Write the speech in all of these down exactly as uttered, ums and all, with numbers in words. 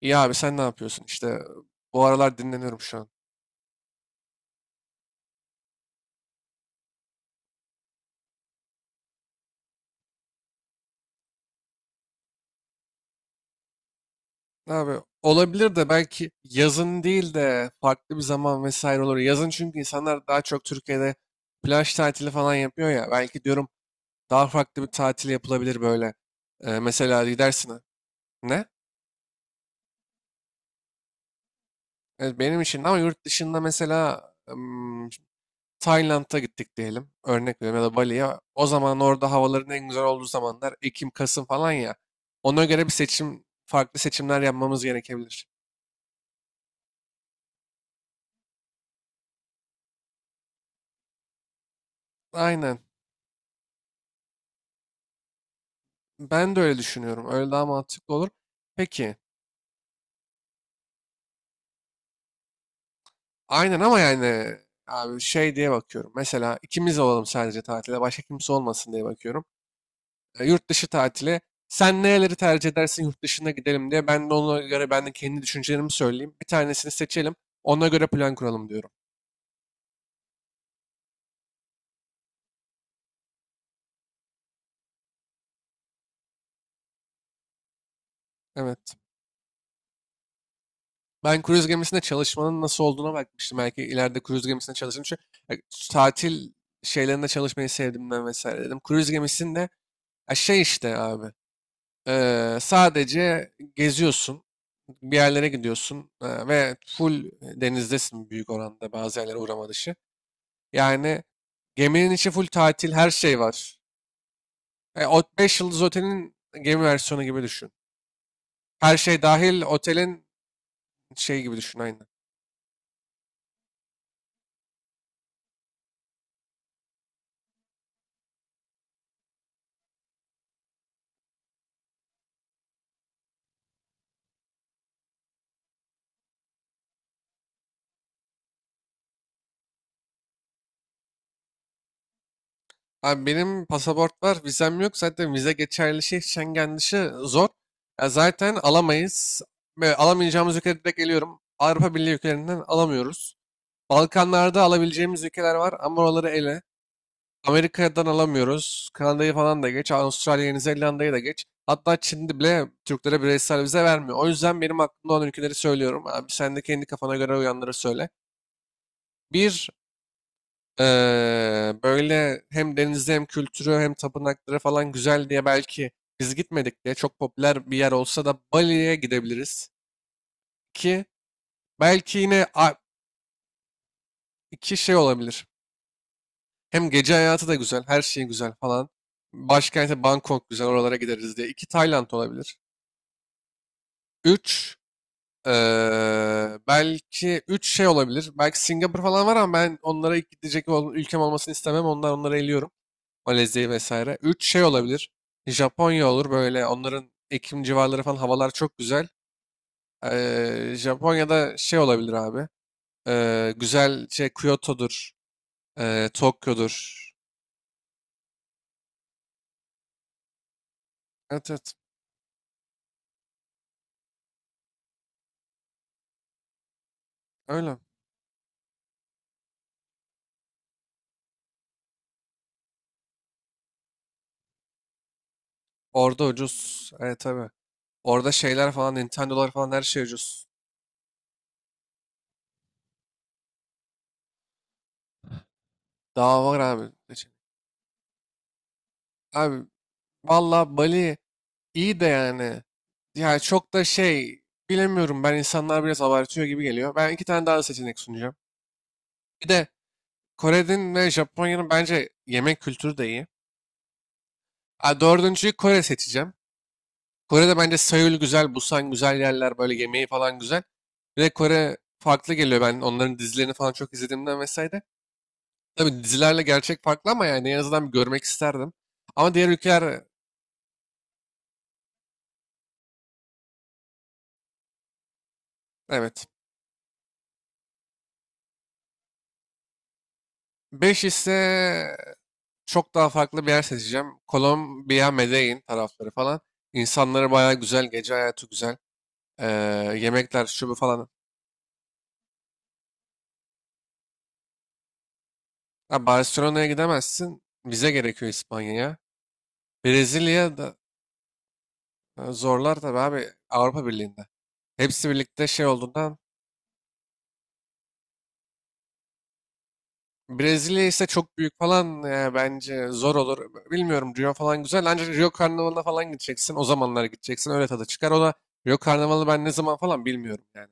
İyi abi sen ne yapıyorsun? İşte bu aralar dinleniyorum şu an. Abi olabilir de belki yazın değil de farklı bir zaman vesaire olur. Yazın çünkü insanlar daha çok Türkiye'de plaj tatili falan yapıyor ya. Belki diyorum daha farklı bir tatil yapılabilir böyle. Ee, mesela gidersin. Ne? Evet, benim için ama yurt dışında mesela ım, Tayland'a gittik diyelim. Örnek veriyorum ya da Bali'ye. O zaman orada havaların en güzel olduğu zamanlar Ekim, Kasım falan ya. Ona göre bir seçim, farklı seçimler yapmamız gerekebilir. Aynen. Ben de öyle düşünüyorum. Öyle daha mantıklı olur. Peki. Aynen ama yani abi şey diye bakıyorum. Mesela ikimiz olalım sadece tatile. Başka kimse olmasın diye bakıyorum. E, yurt dışı tatili. Sen nereleri tercih edersin yurt dışına gidelim diye. Ben de ona göre ben de kendi düşüncelerimi söyleyeyim. Bir tanesini seçelim. Ona göre plan kuralım diyorum. Evet. Ben kruz gemisinde çalışmanın nasıl olduğuna bakmıştım. Belki ileride kruz gemisinde çalışırım. Çünkü e, tatil şeylerinde çalışmayı sevdiğimden vesaire dedim. Kruz gemisinde ya şey işte abi. Eee, sadece geziyorsun, bir yerlere gidiyorsun eee, ve full denizdesin büyük oranda bazı yerlere uğrama dışı. Yani geminin içi full tatil, her şey var. E, o beş yıldız otelin gemi versiyonu gibi düşün. Her şey dahil otelin şey gibi düşün aynı. Abi benim pasaport var, vizem yok. Zaten vize geçerli şey Schengen dışı zor. Ya zaten alamayız. Ve alamayacağımız ülkeye direkt geliyorum. Avrupa Birliği ülkelerinden alamıyoruz. Balkanlarda alabileceğimiz ülkeler var ama oraları ele. Amerika'dan alamıyoruz. Kanada'yı falan da geç. Avustralya, Yeni Zelanda'yı da geç. Hatta Çin'de bile Türklere bireysel vize vermiyor. O yüzden benim aklımda olan ülkeleri söylüyorum. Abi sen de kendi kafana göre uyanları söyle. Bir, eee, böyle hem denizi hem kültürü hem tapınakları falan güzel diye belki biz gitmedik diye çok popüler bir yer olsa da Bali'ye gidebiliriz. İki, belki yine a- iki şey olabilir. Hem gece hayatı da güzel, her şey güzel falan. Başkenti Bangkok güzel, oralara gideriz diye. İki Tayland olabilir. Üç, eee, belki üç şey olabilir. Belki Singapur falan var ama ben onlara ilk gidecek ol- ülkem olmasını istemem. Onlar onları eliyorum. Malezya'yı vesaire. Üç şey olabilir. Japonya olur böyle. Onların Ekim civarları falan havalar çok güzel. Eee, Japonya'da şey olabilir abi. Eee, güzel şey Kyoto'dur. eee, Tokyo'dur. Evet, evet, öyle. Orada ucuz. Evet, tabii. Orada şeyler falan, Nintendo'lar falan her şey ucuz. Daha var abi. Abi valla Bali iyi de yani. Yani çok da şey bilemiyorum, ben insanlar biraz abartıyor gibi geliyor. Ben iki tane daha seçenek sunacağım. Bir de Kore'nin ve Japonya'nın bence yemek kültürü de iyi. Ha, dördüncüyü Kore seçeceğim. Kore'de bence Seul güzel, Busan güzel yerler böyle yemeği falan güzel. Bir de Kore farklı geliyor, ben onların dizilerini falan çok izlediğimden vesaire. Tabii dizilerle gerçek farklı ama yani en azından bir görmek isterdim. Ama diğer ülkeler evet. Beş ise çok daha farklı bir yer seçeceğim. Kolombiya, Medellin tarafları falan. İnsanları bayağı güzel, gece hayatı güzel. Ee, Yemekler, şu bu falan. Ha, Barcelona'ya gidemezsin. Vize gerekiyor İspanya'ya. Brezilya da e, zorlar tabii abi Avrupa Birliği'nde. Hepsi birlikte şey olduğundan Brezilya ise çok büyük falan e, bence zor olur. Bilmiyorum, Rio falan güzel ancak Rio Karnavalı'na falan gideceksin. O zamanlar gideceksin, öyle tadı çıkar. O da Rio Karnavalı ben ne zaman falan bilmiyorum yani.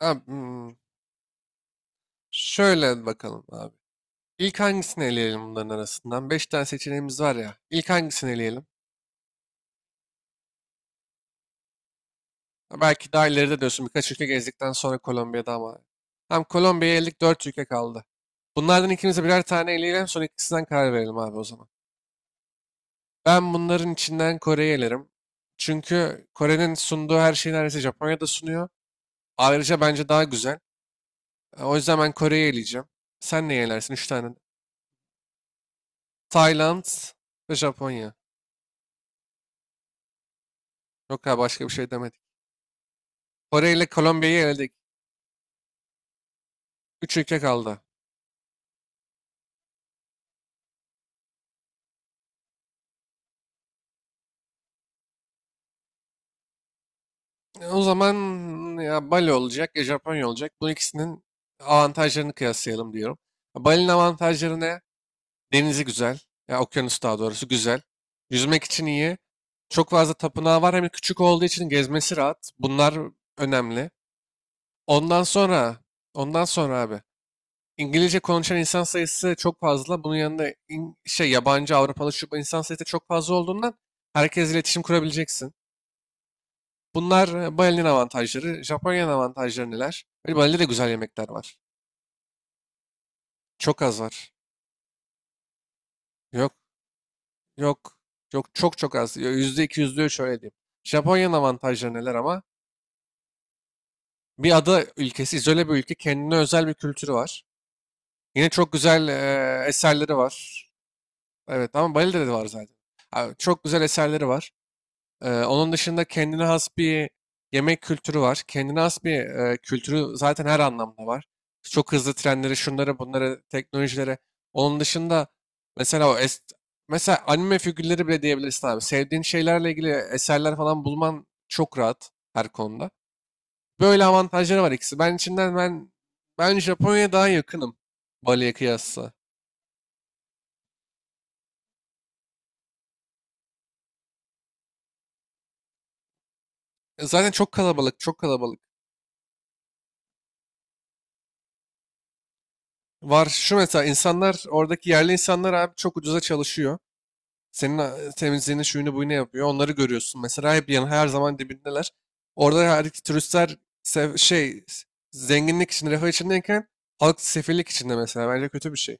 Abi, hmm, şöyle bakalım abi. İlk hangisini eleyelim bunların arasından? Beş tane seçeneğimiz var ya. İlk hangisini eleyelim? Ha, belki daha ileride diyorsun, birkaç ülke gezdikten sonra Kolombiya'da ama. Tam Kolombiya'ya eldik, dört ülke kaldı. Bunlardan ikimize birer tane eleyelim, sonra ikisinden karar verelim abi o zaman. Ben bunların içinden Kore'yi elerim. Çünkü Kore'nin sunduğu her şeyi neredeyse Japonya da sunuyor. Ayrıca bence daha güzel. E, O yüzden ben Kore'yi eleyeceğim. Sen neyi elersin? Üç tane. Tayland ve Japonya. Yok ya, başka bir şey demedik. Kore ile Kolombiya'yı eledik. Üç ülke kaldı. E, O zaman ya Bali olacak ya Japonya olacak. Bu ikisinin avantajlarını kıyaslayalım diyorum. Bali'nin avantajları ne? Denizi güzel. Ya okyanus daha doğrusu güzel. Yüzmek için iyi. Çok fazla tapınağı var. Hem küçük olduğu için gezmesi rahat. Bunlar önemli. Ondan sonra, ondan sonra abi. İngilizce konuşan insan sayısı çok fazla. Bunun yanında İng- şey yabancı Avrupalı şu bu insan sayısı da çok fazla olduğundan herkes iletişim kurabileceksin. Bunlar e, Bali'nin avantajları. Japonya'nın avantajları neler? Böyle Bali'de de güzel yemekler var. Çok az var. Yok, yok. Yok, çok çok az. Yüzde iki, yüzde üç öyle diyeyim. Japonya'nın avantajları neler ama? Bir ada ülkesi, izole bir ülke. Kendine özel bir kültürü var. Yine çok güzel eee, eserleri var. Evet ama Bali'de de var zaten. Abi, çok güzel eserleri var. Ee, onun dışında kendine has bir yemek kültürü var. Kendine has bir e, kültürü zaten her anlamda var. Çok hızlı trenleri, şunları, bunları, teknolojilere. Onun dışında mesela o es mesela anime figürleri bile diyebilirsin abi. Sevdiğin şeylerle ilgili eserler falan bulman çok rahat her konuda. Böyle avantajları var ikisi. Ben içinden ben ben Japonya'ya daha yakınım Bali'ye kıyasla. E, Zaten çok kalabalık, çok kalabalık. Var şu mesela, insanlar oradaki yerli insanlar abi çok ucuza çalışıyor. Senin e, temizliğini şuyunu buyunu yapıyor. Onları görüyorsun. Mesela hep yan her zaman dibindeler. Orada her iki turistler sev- şey zenginlik için refah içindeyken halk sefillik içinde mesela. Bence kötü bir şey.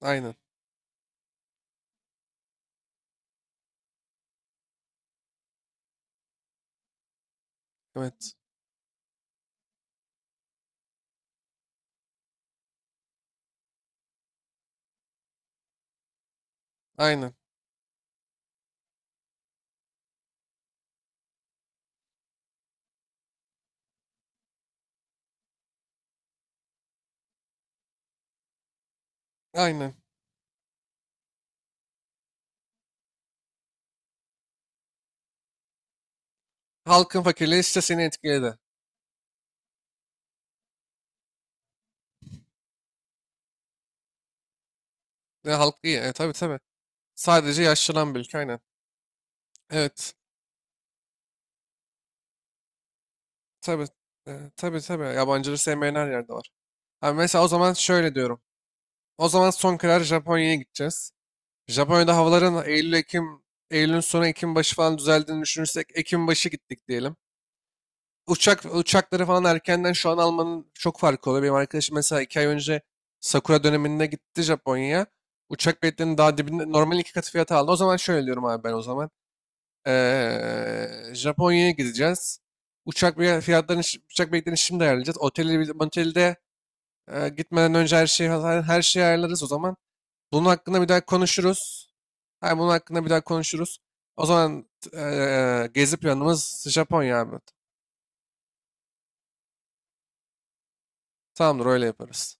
Aynen. Evet. Aynen. Aynen. Halkın fakirliği işte seni etkiledi. Ve halk iyi. E, tabii, tabii. Sadece yaşlanan bir ülke. Aynen. Evet. Tabii. E, tabii, tabii. Yabancıları sevmeyen her yerde var. Ha, mesela o zaman şöyle diyorum. O zaman son karar Japonya'ya gideceğiz. Japonya'da havaların Eylül, Ekim, Eylül'ün sonu Ekim başı falan düzeldiğini düşünürsek Ekim başı gittik diyelim. Uçak uçakları falan erkenden şu an almanın çok farkı oluyor. Benim arkadaşım mesela iki ay önce Sakura döneminde gitti Japonya'ya. Uçak biletlerinin daha dibinde normal iki katı fiyata aldı. O zaman şöyle diyorum abi ben o zaman. Ee, Japonya'ya gideceğiz. Uçak bilet- fiyatlarını, şi- uçak biletlerini şimdi ayarlayacağız. Oteli, otelde e, gitmeden önce her şeyi her şeyi ayarlarız o zaman. Bunun hakkında bir daha konuşuruz. Hayır, bunun hakkında bir daha konuşuruz. O zaman t- eee, gezi planımız Japonya abi. Tamamdır, öyle yaparız.